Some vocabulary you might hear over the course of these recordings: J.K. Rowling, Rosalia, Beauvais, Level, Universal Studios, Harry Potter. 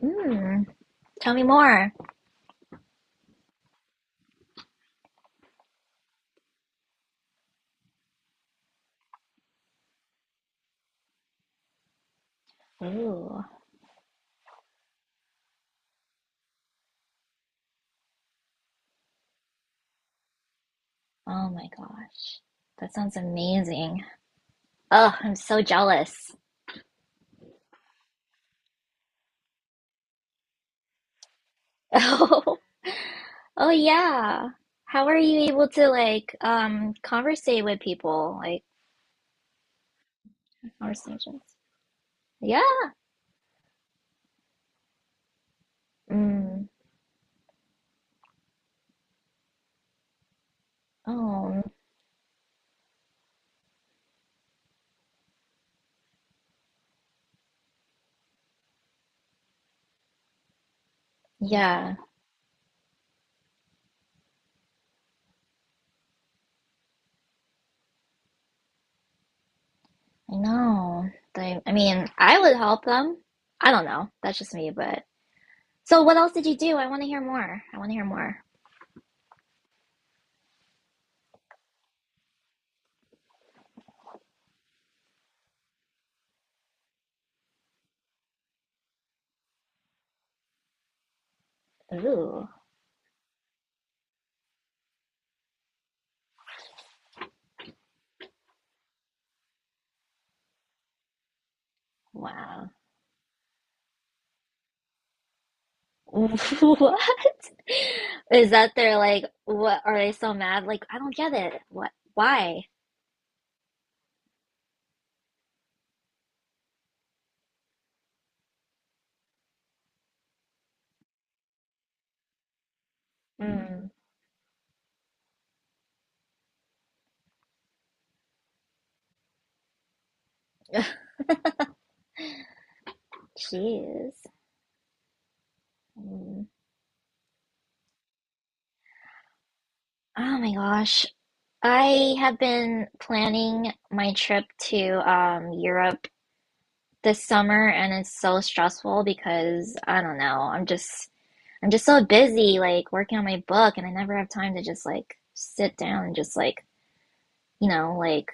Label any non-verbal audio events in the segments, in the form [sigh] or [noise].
Mm, tell me more. Ooh, oh my gosh. That sounds amazing. Oh, I'm so jealous. [laughs] Oh, oh yeah. How are you able to like conversate with people? Like conversations. Yeah. Mm. Oh, yeah. I know. They, I mean, I would help them. I don't know. That's just me, but so what else did you do? I want to hear more. I want to hear more. Ooh, wow. [laughs] What? Is that they're like, what are they so mad? Like, I don't get it. What? Why? Mm. [laughs] Jeez. Mm. Oh my gosh. I have been planning my trip to Europe this summer, and it's so stressful because I don't know. I'm just so busy like working on my book, and I never have time to just like sit down and just like, you know, like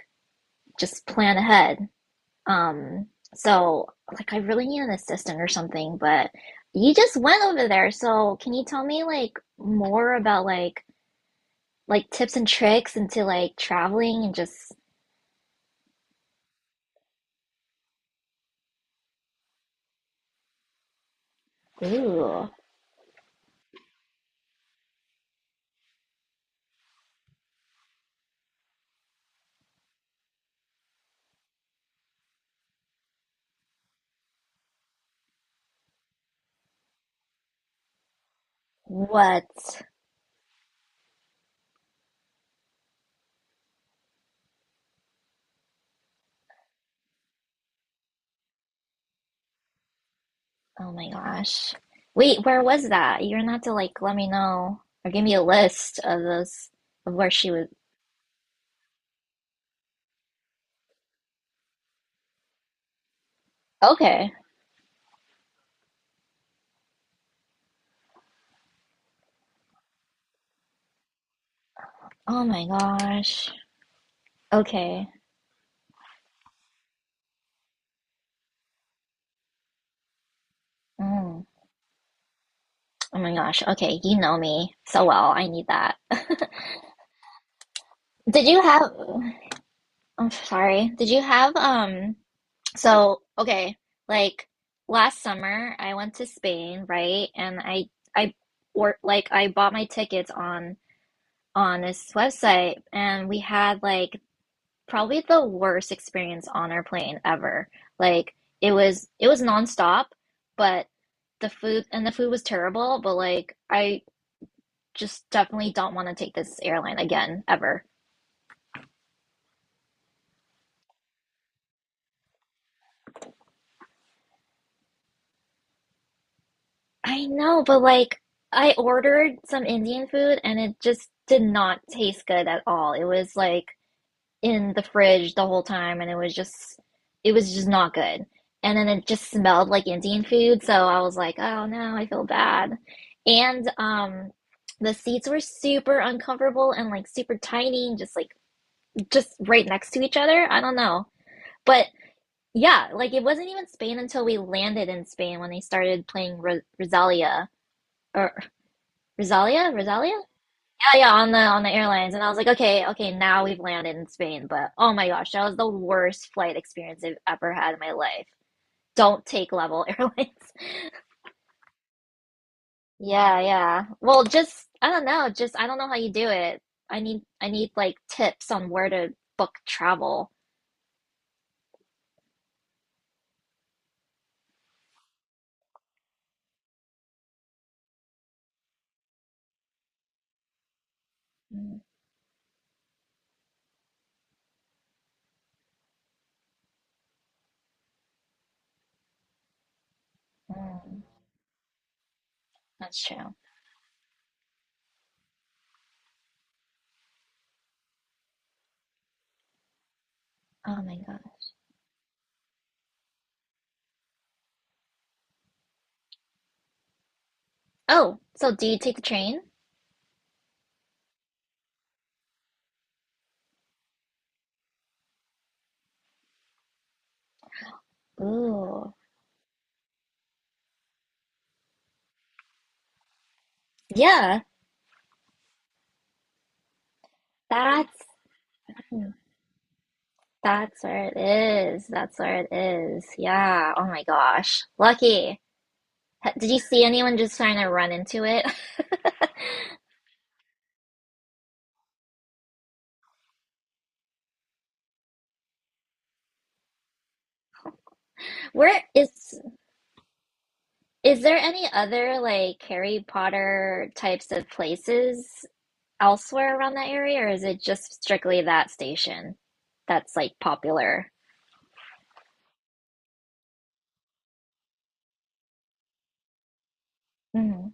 just plan ahead. Um, so like I really need an assistant or something, but you just went over there, so can you tell me like more about like tips and tricks into like traveling and just ooh, what? Oh my gosh. Wait, where was that? You're gonna have to like let me know or give me a list of those of where she was. Okay. Oh my gosh. Okay. Mm. Oh my gosh. Okay, you know me so well. I need that. [laughs] Did you have? I'm sorry. Did you have so okay, like last summer I went to Spain, right? And I or like I bought my tickets on this website, and we had like probably the worst experience on our plane ever. Like it was nonstop, but the food and the food was terrible, but like I just definitely don't want to take this airline again ever. I know, but like I ordered some Indian food, and it just did not taste good at all. It was like in the fridge the whole time, and it was just not good. And then it just smelled like Indian food, so I was like, "Oh no, I feel bad." And the seats were super uncomfortable and like super tiny and just like just right next to each other. I don't know. But yeah, like it wasn't even Spain until we landed in Spain when they started playing Ro Rosalia or Rosalia? Rosalia? Yeah, yeah, on the airlines. And I was like, okay, okay, now we've landed in Spain. But oh my gosh, that was the worst flight experience I've ever had in my life. Don't take Level [laughs] Airlines. Yeah, yeah. Well, just I don't know, just I don't know how you do it. I need like tips on where to book travel. Mm, mm, that's true. Oh my God. Oh, so do you take the train? Ooh. Yeah, that's that's where it is. That's where it is. Yeah. Oh my gosh. Lucky. Ha- Did you see anyone just trying to run into it? [laughs] Where is there any other like Harry Potter types of places elsewhere around that area, or is it just strictly that station that's like popular? Mhm.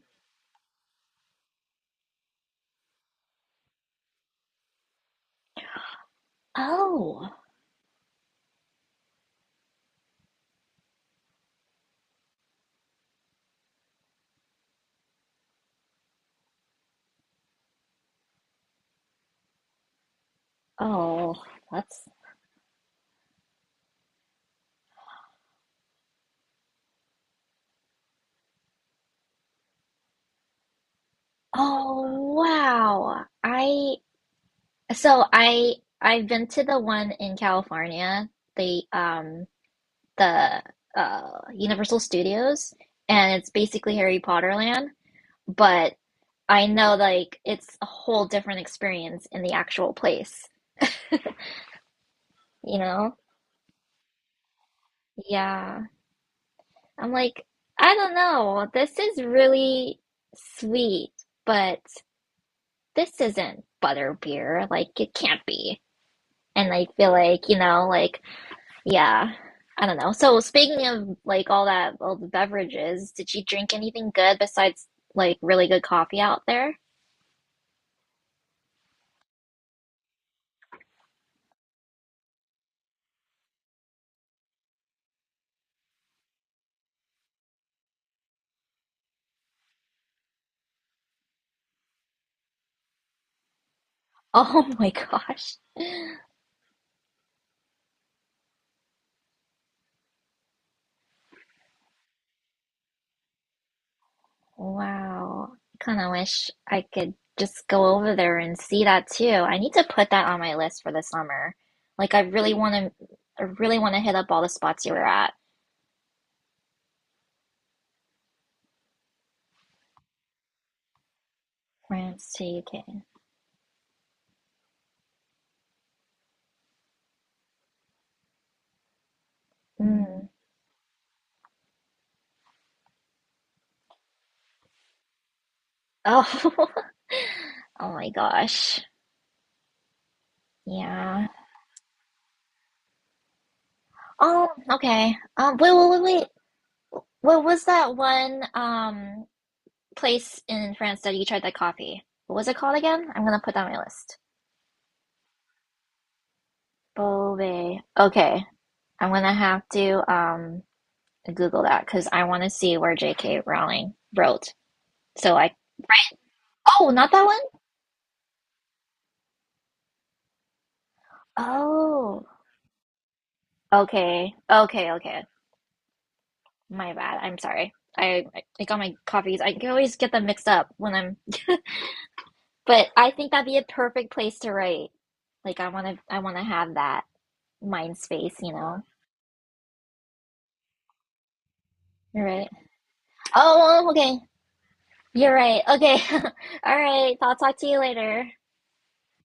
Oh. Oh, that's Oh, wow. I So I I've been to the one in California, the um the Universal Studios, and it's basically Harry Potter land, but I know like it's a whole different experience in the actual place, you know? Yeah. I'm like, I don't know. This is really sweet, but this isn't butterbeer. Like it can't be. And I feel like, you know, like yeah. I don't know. So speaking of like all that, all the beverages, did you drink anything good besides like really good coffee out there? Oh [laughs] my gosh. Wow. Kind of wish I could just go over there and see that too. I need to put that on my list for the summer. Like I really want to, I really want to hit up all the spots you were at. France to UK. Mm. Oh, [laughs] oh my gosh. Yeah. Oh, okay. Wait, wait, wait, wait. What was that one place in France that you tried that coffee? What was it called again? I'm gonna put that on my list. Beauvais. Okay, I'm gonna have to Google that because I want to see where J.K. Rowling wrote. So I. Oh, not that one. Oh. Okay. Okay. Okay. My bad. I'm sorry. I got my coffees. I can always get them mixed up when I'm. But I think that'd be a perfect place to write. Like I want to. I want to have that mind space. You know. Right. Oh, okay. You're right. Okay. [laughs] All right. I'll talk to you later.